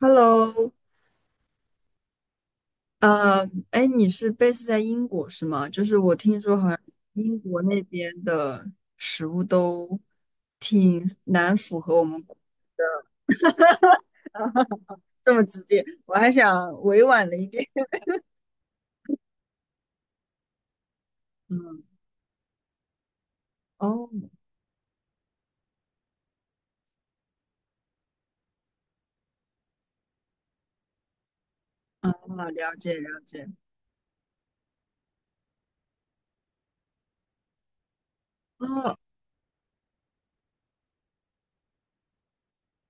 Hello，呃，哎，你是 base 在英国是吗？就是我听说好像英国那边的食物都挺难符合我们国，这么直接，我还想委婉了一点。嗯，哦，啊，了解了解，哦，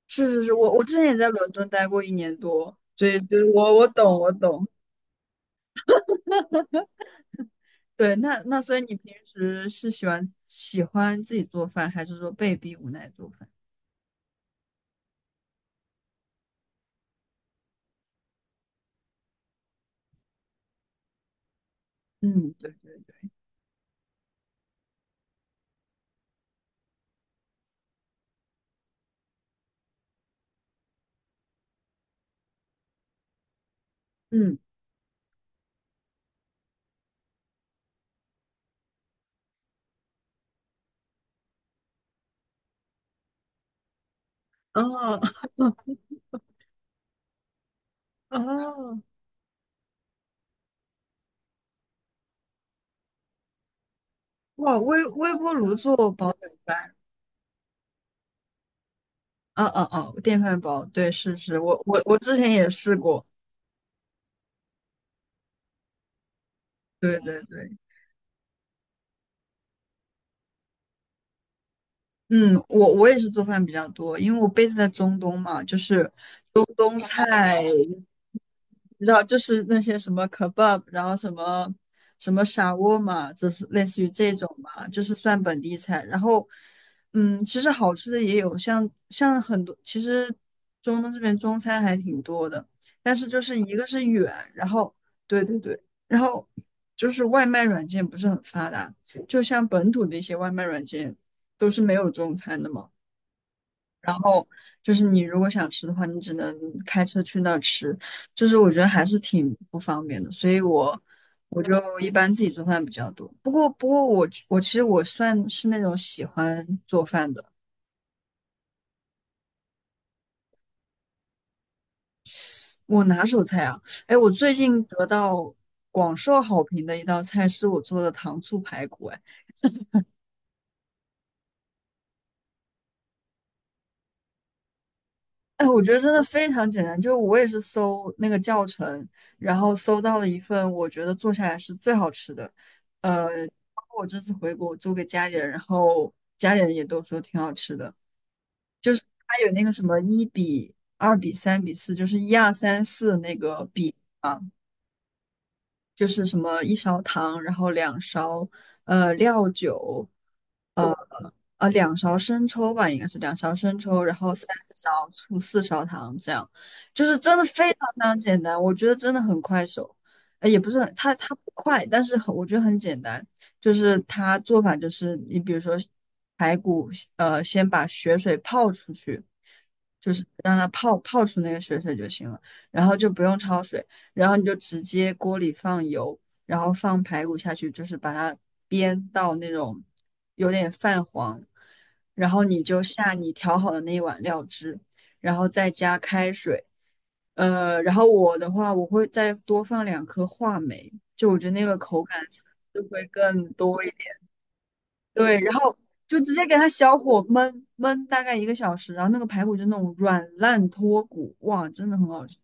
是是是，我之前也在伦敦待过1年多，所以对我懂我懂，对，那所以你平时是喜欢自己做饭，还是说被逼无奈做饭？嗯，对对对，嗯，哦，哦，哇，微波炉做煲仔饭，嗯嗯嗯，电饭煲，对，是是，我之前也试过，对对对，嗯，我也是做饭比较多，因为我 b 子在中东嘛，就是中东菜你知道，就是那些什么 kebab，然后什么沙窝嘛，就是类似于这种嘛，就是算本地菜。然后，嗯，其实好吃的也有，像很多，其实中东这边中餐还挺多的，但是就是一个是远，然后对对对，然后就是外卖软件不是很发达，就像本土的一些外卖软件都是没有中餐的嘛。就是你如果想吃的话，你只能开车去那儿吃，就是我觉得还是挺不方便的，所以我就一般自己做饭比较多。不过我其实我算是那种喜欢做饭的，我拿手菜啊，哎，我最近得到广受好评的一道菜是我做的糖醋排骨，哎，我觉得真的非常简单，就是我也是搜那个教程，然后搜到了一份我觉得做下来是最好吃的。呃，包括我这次回国，我做给家里人，然后家里人也都说挺好吃的。它有那个什么1:2:3:4，就是一二三四那个比。就是什么一勺糖，然后两勺料酒，呃两勺生抽吧，应该是两勺生抽，然后三勺醋，四勺糖，这样就是真的非常非常简单，我觉得真的很快手，也不是很它不快，但是很我觉得很简单，就是它做法就是你比如说排骨，先把血水泡出去，就是让它泡出那个血水就行了，然后就不用焯水。然后你就直接锅里放油，然后放排骨下去，就是把它煸到那种有点泛黄，然后你就下你调好的那一碗料汁，然后再加开水，然后我的话我会再多放两颗话梅，就我觉得那个口感就会更多一点。对，然后就直接给它小火焖焖大概1个小时，然后那个排骨就那种软烂脱骨，哇，真的很好吃。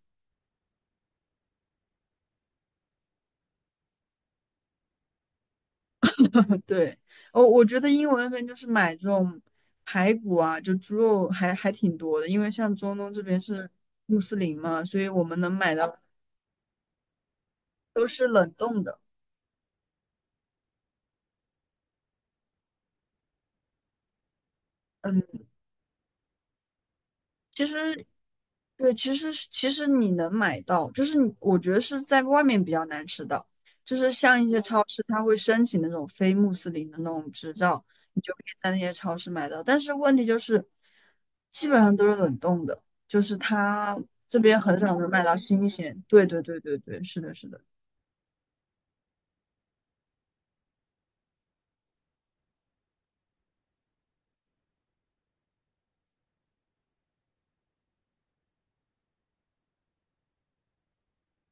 对，我觉得英文那边就是买这种排骨啊，就猪肉还挺多的，因为像中东这边是穆斯林嘛，所以我们能买到都是冷冻的。嗯其实，对，其实你能买到，就是你我觉得是在外面比较难吃到，就是像一些超市，它会申请那种非穆斯林的那种执照，你就可以在那些超市买到。但是问题就是，基本上都是冷冻的，就是它这边很少能买到新鲜。对对对对对，是的，是的。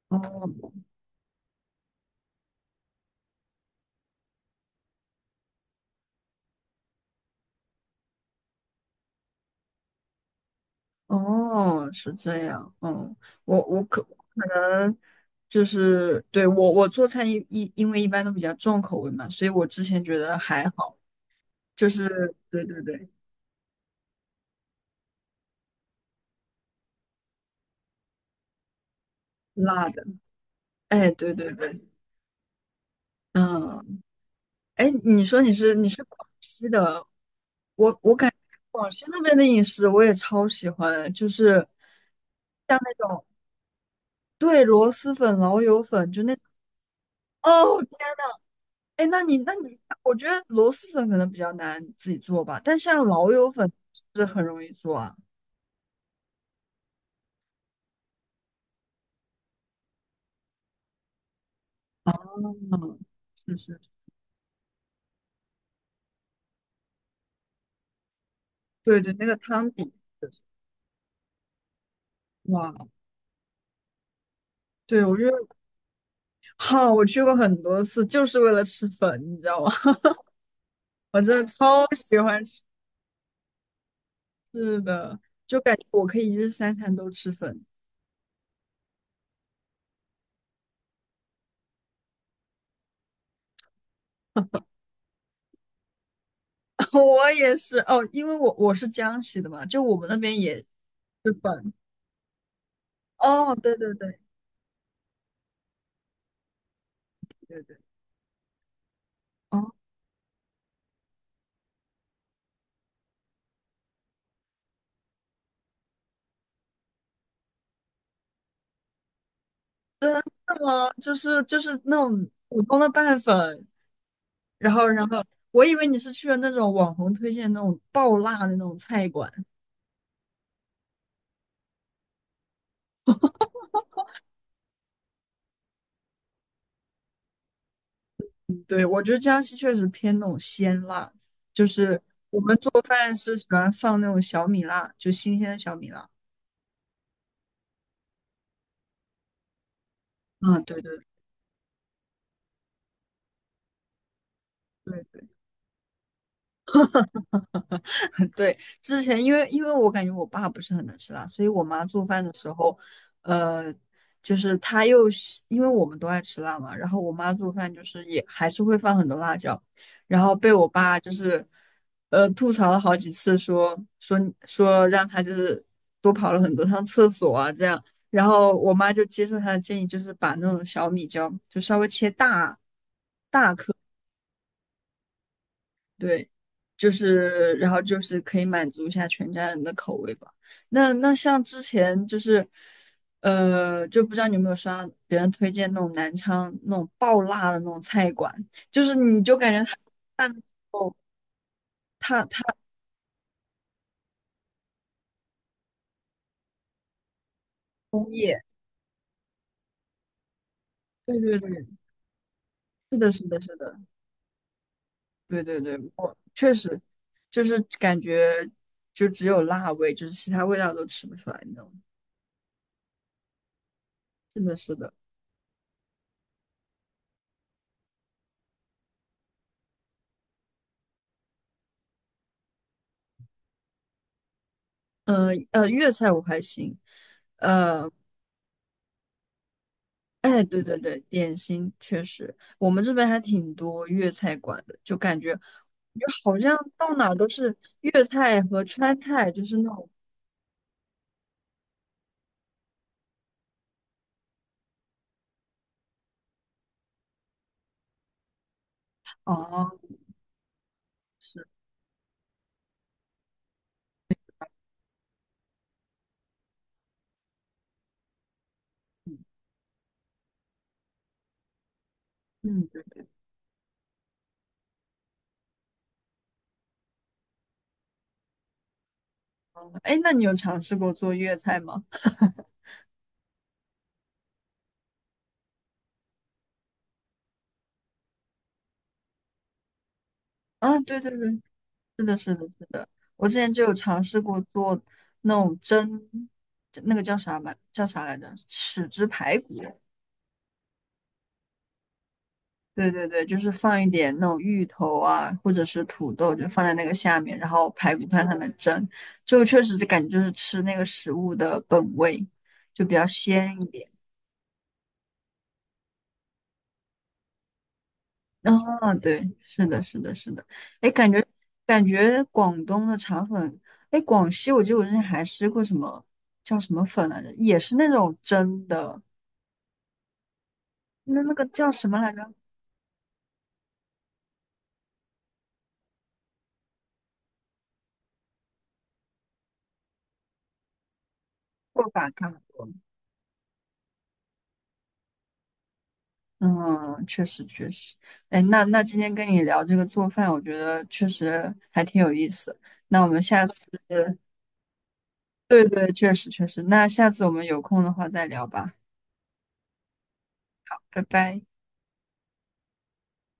哦，哦，是这样，嗯，我可能就是对我做菜一因为一般都比较重口味嘛，所以我之前觉得还好，就是对对对，辣的，哎，对对对，嗯，哎，你说你是广西的，我广西那边的饮食我也超喜欢，就是像那种对螺蛳粉、老友粉，就那哦，哎，那你，我觉得螺蛳粉可能比较难自己做吧，但像老友粉是不是很容易做啊。嗯，是是，对对，那个汤底，哇，对，我觉得好，我去过很多次，就是为了吃粉，你知道吗？我真的超喜欢吃，是的，就感觉我可以一日三餐都吃粉。我也是哦，因为我是江西的嘛，就我们那边也吃粉。哦，对对对对对，哦，那么就是那种普通的拌粉，然后我以为你是去了那种网红推荐那种爆辣的那种菜馆。对，我觉得江西确实偏那种鲜辣，就是我们做饭是喜欢放那种小米辣，就新鲜的小米辣。啊，对对对，对，之前因为我感觉我爸不是很能吃辣，所以我妈做饭的时候，呃，就是她又是因为我们都爱吃辣嘛，然后我妈做饭就是也还是会放很多辣椒，然后被我爸就是吐槽了好几次说，说让他就是多跑了很多趟厕所啊这样，然后我妈就接受他的建议，就是把那种小米椒就稍微切大。对，就是然后就是可以满足一下全家人的口味吧。那像之前就是，就不知道你有没有刷别人推荐那种南昌那种爆辣的那种菜馆，就是你就感觉他办哦，他工业，对对对，是的，是的，是的，对对对，我确实就是感觉就只有辣味，就是其他味道都吃不出来那种。是的，是的。粤菜我还行，呃。哎，对对对，点心确实，我们这边还挺多粤菜馆的，就感觉就好像到哪儿都是粤菜和川菜，就是那种哦，是，嗯，嗯对，哦哎，那你有尝试过做粤菜吗？啊，对对对，是的，是的，是的，我之前就有尝试过做那种蒸，那个叫啥来着？豉汁排骨，对对对，就是放一点那种芋头啊，或者是土豆，就放在那个下面，然后排骨看上面蒸，就确实就感觉就是吃那个食物的本味，就比较鲜一点。啊，对，是的，是的，是的。哎，感觉广东的肠粉，哎，广西我记得我之前还吃过什么叫什么粉来着，也是那种蒸的，那个叫什么来着？过把汤。嗯，确实确实，哎，那今天跟你聊这个做饭，我觉得确实还挺有意思。那我们下次，对对，确实确实，那下次我们有空的话再聊吧，拜拜。